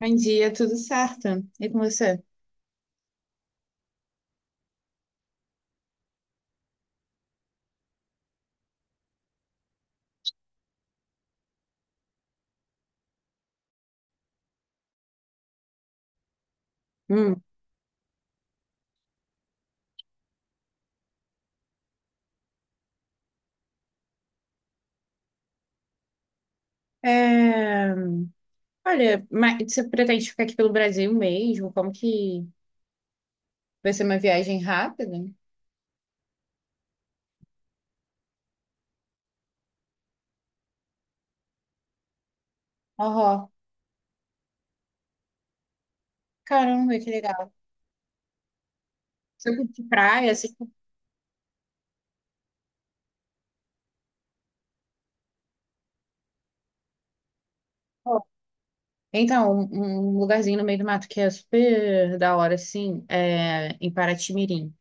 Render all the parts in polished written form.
Bom dia, tudo certo? E com você? Hum. É, olha, mas você pretende ficar aqui pelo Brasil mesmo? Como que vai ser uma viagem rápida? Aham. Caramba, que legal. Você curte praia, assim, pô. Então, um lugarzinho no meio do mato que é super da hora, assim, é em Paraty-Mirim.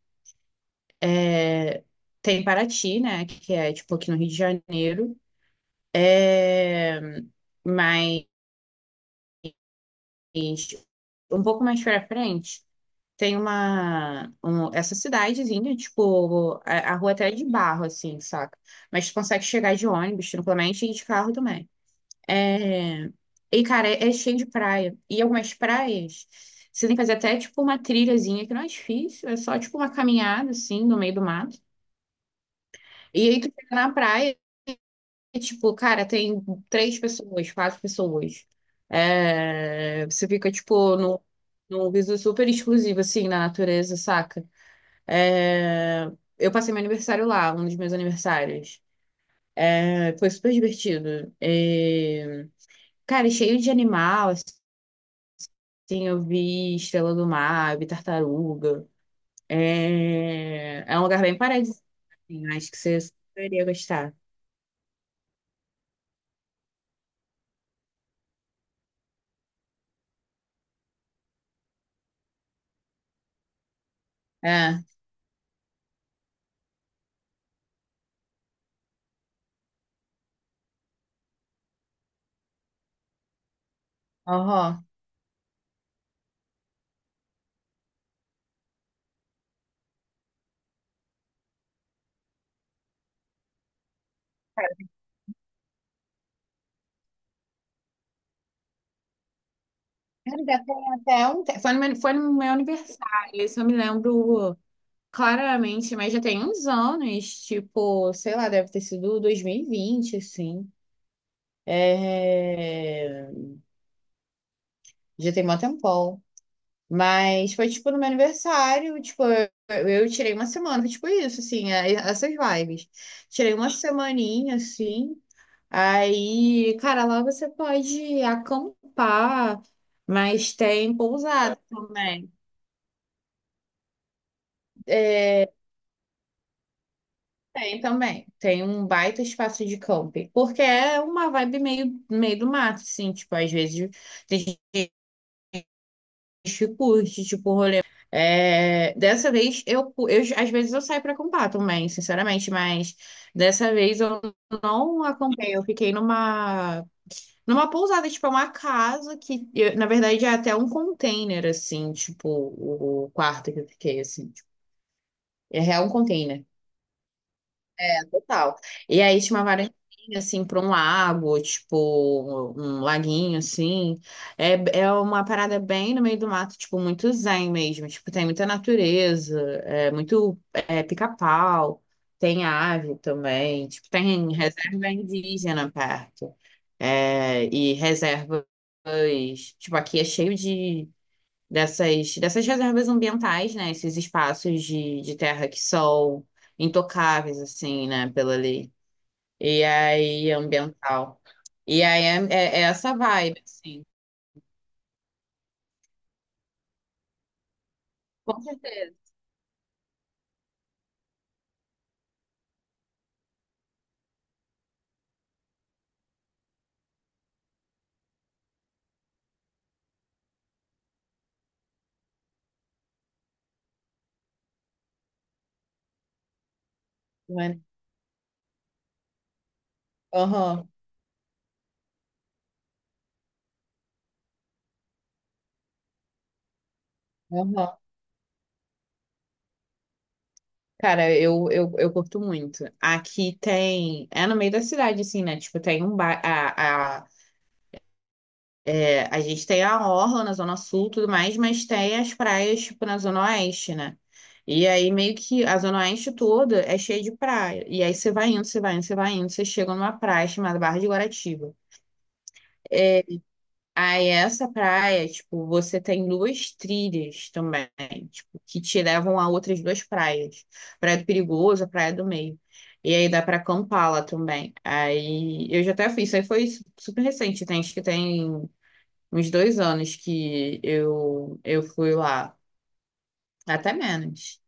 É, tem Paraty, né, que é, tipo, aqui no Rio de Janeiro. É... Mas um pouco mais pra frente. Tem essa cidadezinha, tipo, a rua até é de barro, assim, saca? Mas tu consegue chegar de ônibus tranquilamente e de carro também. É... E, cara, é cheio de praia. E algumas praias, você tem que fazer até, tipo, uma trilhazinha, que não é difícil, é só, tipo, uma caminhada, assim, no meio do mato. E aí tu chega na praia e, tipo, cara, tem três pessoas, quatro pessoas. É... Você fica, tipo, num viso super exclusivo, assim, na natureza, saca? É, eu passei meu aniversário lá, um dos meus aniversários. É, foi super divertido. É, cara, e cheio de animal, assim, eu vi estrela do mar, eu vi tartaruga. É, é um lugar bem paradisíaco, assim, acho que você super iria gostar. É, aham. Cara, já tem até foi no meu aniversário, isso eu me lembro claramente, mas já tem uns anos, tipo, sei lá, deve ter sido 2020 assim. É... Já tem mó tempão. Mas foi, tipo, no meu aniversário, tipo, eu tirei uma semana, tipo, isso, assim, essas vibes. Tirei uma semaninha, assim, aí, cara, lá você pode acampar, mas tem pousada também. É, tem também, tem um baita espaço de camping, porque é uma vibe meio do mato, assim, tipo, às vezes tem gente que curte, tipo, é, dessa vez eu às vezes eu saio para comprar também, sinceramente, mas dessa vez eu não acompanhei, eu fiquei numa pousada, tipo, é uma casa na verdade é até um container assim, tipo, o quarto que eu fiquei assim, tipo, é real um container total. E aí tinha uma varandinha, assim, para um lago, tipo, um laguinho, assim. É, é uma parada bem no meio do mato, tipo, muito zen mesmo. Tipo, tem muita natureza, é muito é, pica-pau, tem ave também. Tipo, tem reserva indígena perto. É, e reservas, tipo, aqui é cheio de dessas reservas ambientais, né? Esses espaços de terra que são intocáveis, assim, né? Pela lei. E aí, ambiental. E aí, é essa vibe, assim. Com certeza. Né? Aham, aham. Cara, eu curto muito. Aqui tem... É no meio da cidade, assim, né? Tipo, tem um bairro... É, a gente tem a orla na Zona Sul e tudo mais, mas tem as praias, tipo, na Zona Oeste, né? E aí, meio que a Zona Oeste toda é cheia de praia. E aí, você vai indo, você vai indo, você vai indo, você chega numa praia chamada Barra de Guaratiba. É, aí, essa praia, tipo, você tem duas trilhas também, tipo, que te levam a outras duas praias. Praia do Perigoso, a Praia do Meio. E aí, dá pra acampar lá também. Aí, eu já até fiz, isso aí foi super recente, tem, acho que tem uns 2 anos que eu fui lá, até menos.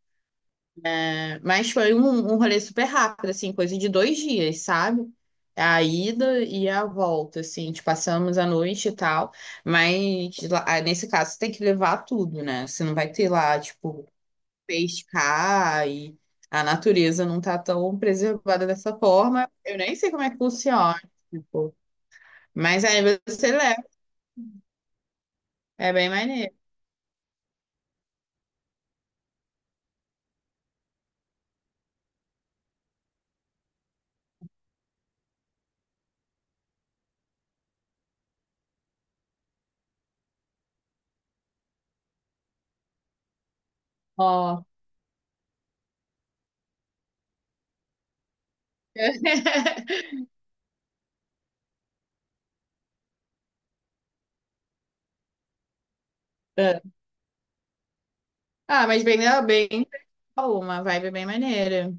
É, mas foi um rolê super rápido, assim, coisa de 2 dias, sabe? A ida e a volta, assim, te passamos a noite e tal, mas ah, nesse caso você tem que levar tudo, né? Você não vai ter lá, tipo, pescar e a natureza não tá tão preservada dessa forma. Eu nem sei como é que funciona, tipo, mas aí você leva, é bem maneiro. Ó. Ah, mas bem, né, bem, uma vibe bem maneira.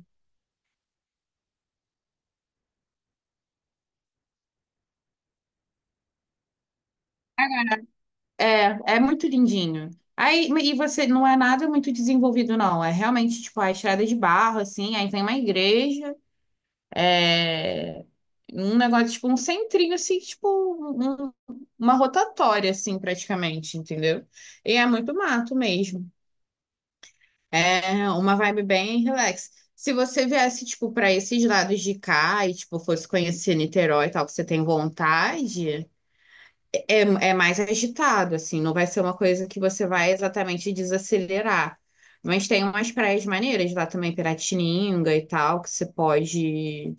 É, é muito lindinho. Aí, e você não é nada muito desenvolvido, não. É realmente tipo a estrada de barro, assim. Aí tem uma igreja, é um negócio tipo um centrinho, assim, tipo uma rotatória, assim, praticamente, entendeu? E é muito mato mesmo. É uma vibe bem relax. Se você viesse, tipo, para esses lados de cá e, tipo, fosse conhecer Niterói e tal, que você tem vontade. É, é mais agitado, assim, não vai ser uma coisa que você vai exatamente desacelerar. Mas tem umas praias maneiras lá também, Piratininga e tal, que você pode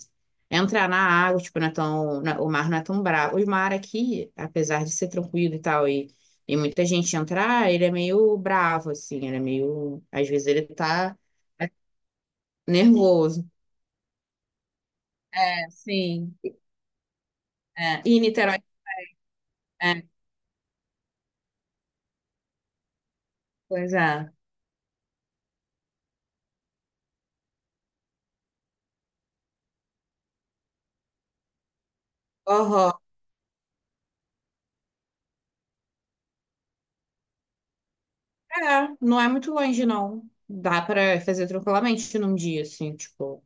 entrar na água, tipo, não é tão, o mar não é tão bravo. O mar aqui, apesar de ser tranquilo e tal, e muita gente entrar, ele é meio bravo, assim, ele é meio. Às vezes ele tá nervoso. É, sim. É, e Niterói. É, pois é. É, não é muito longe, não. Dá pra fazer tranquilamente num dia, assim, tipo.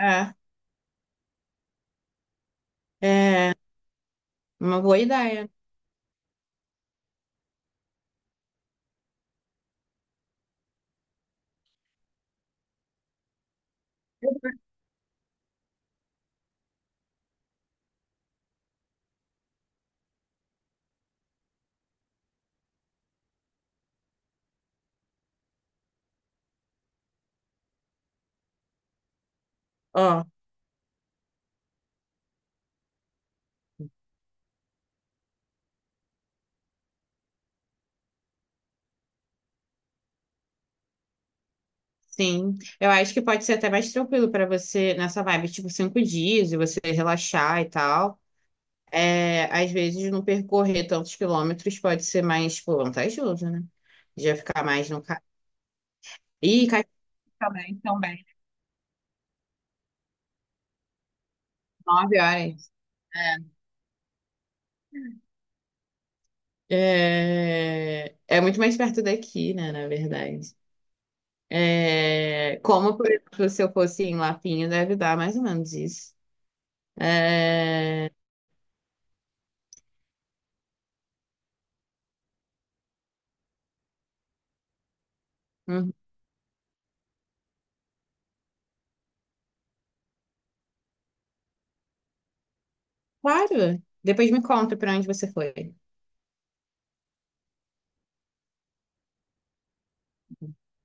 É, é uma boa ideia. Ó, sim. Eu acho que pode ser até mais tranquilo pra você nessa vibe, tipo, 5 dias e você relaxar e tal. É, às vezes, não percorrer tantos quilômetros pode ser mais, tipo, vantajoso, né? Já ficar mais no carro. Ih, Caxias também, também. 9 horas. É, é muito mais perto daqui, né, na verdade. É, como, por exemplo, se eu fosse em Lapinho, deve dar mais ou menos isso. É, uhum. Claro. Depois me conta para onde você foi.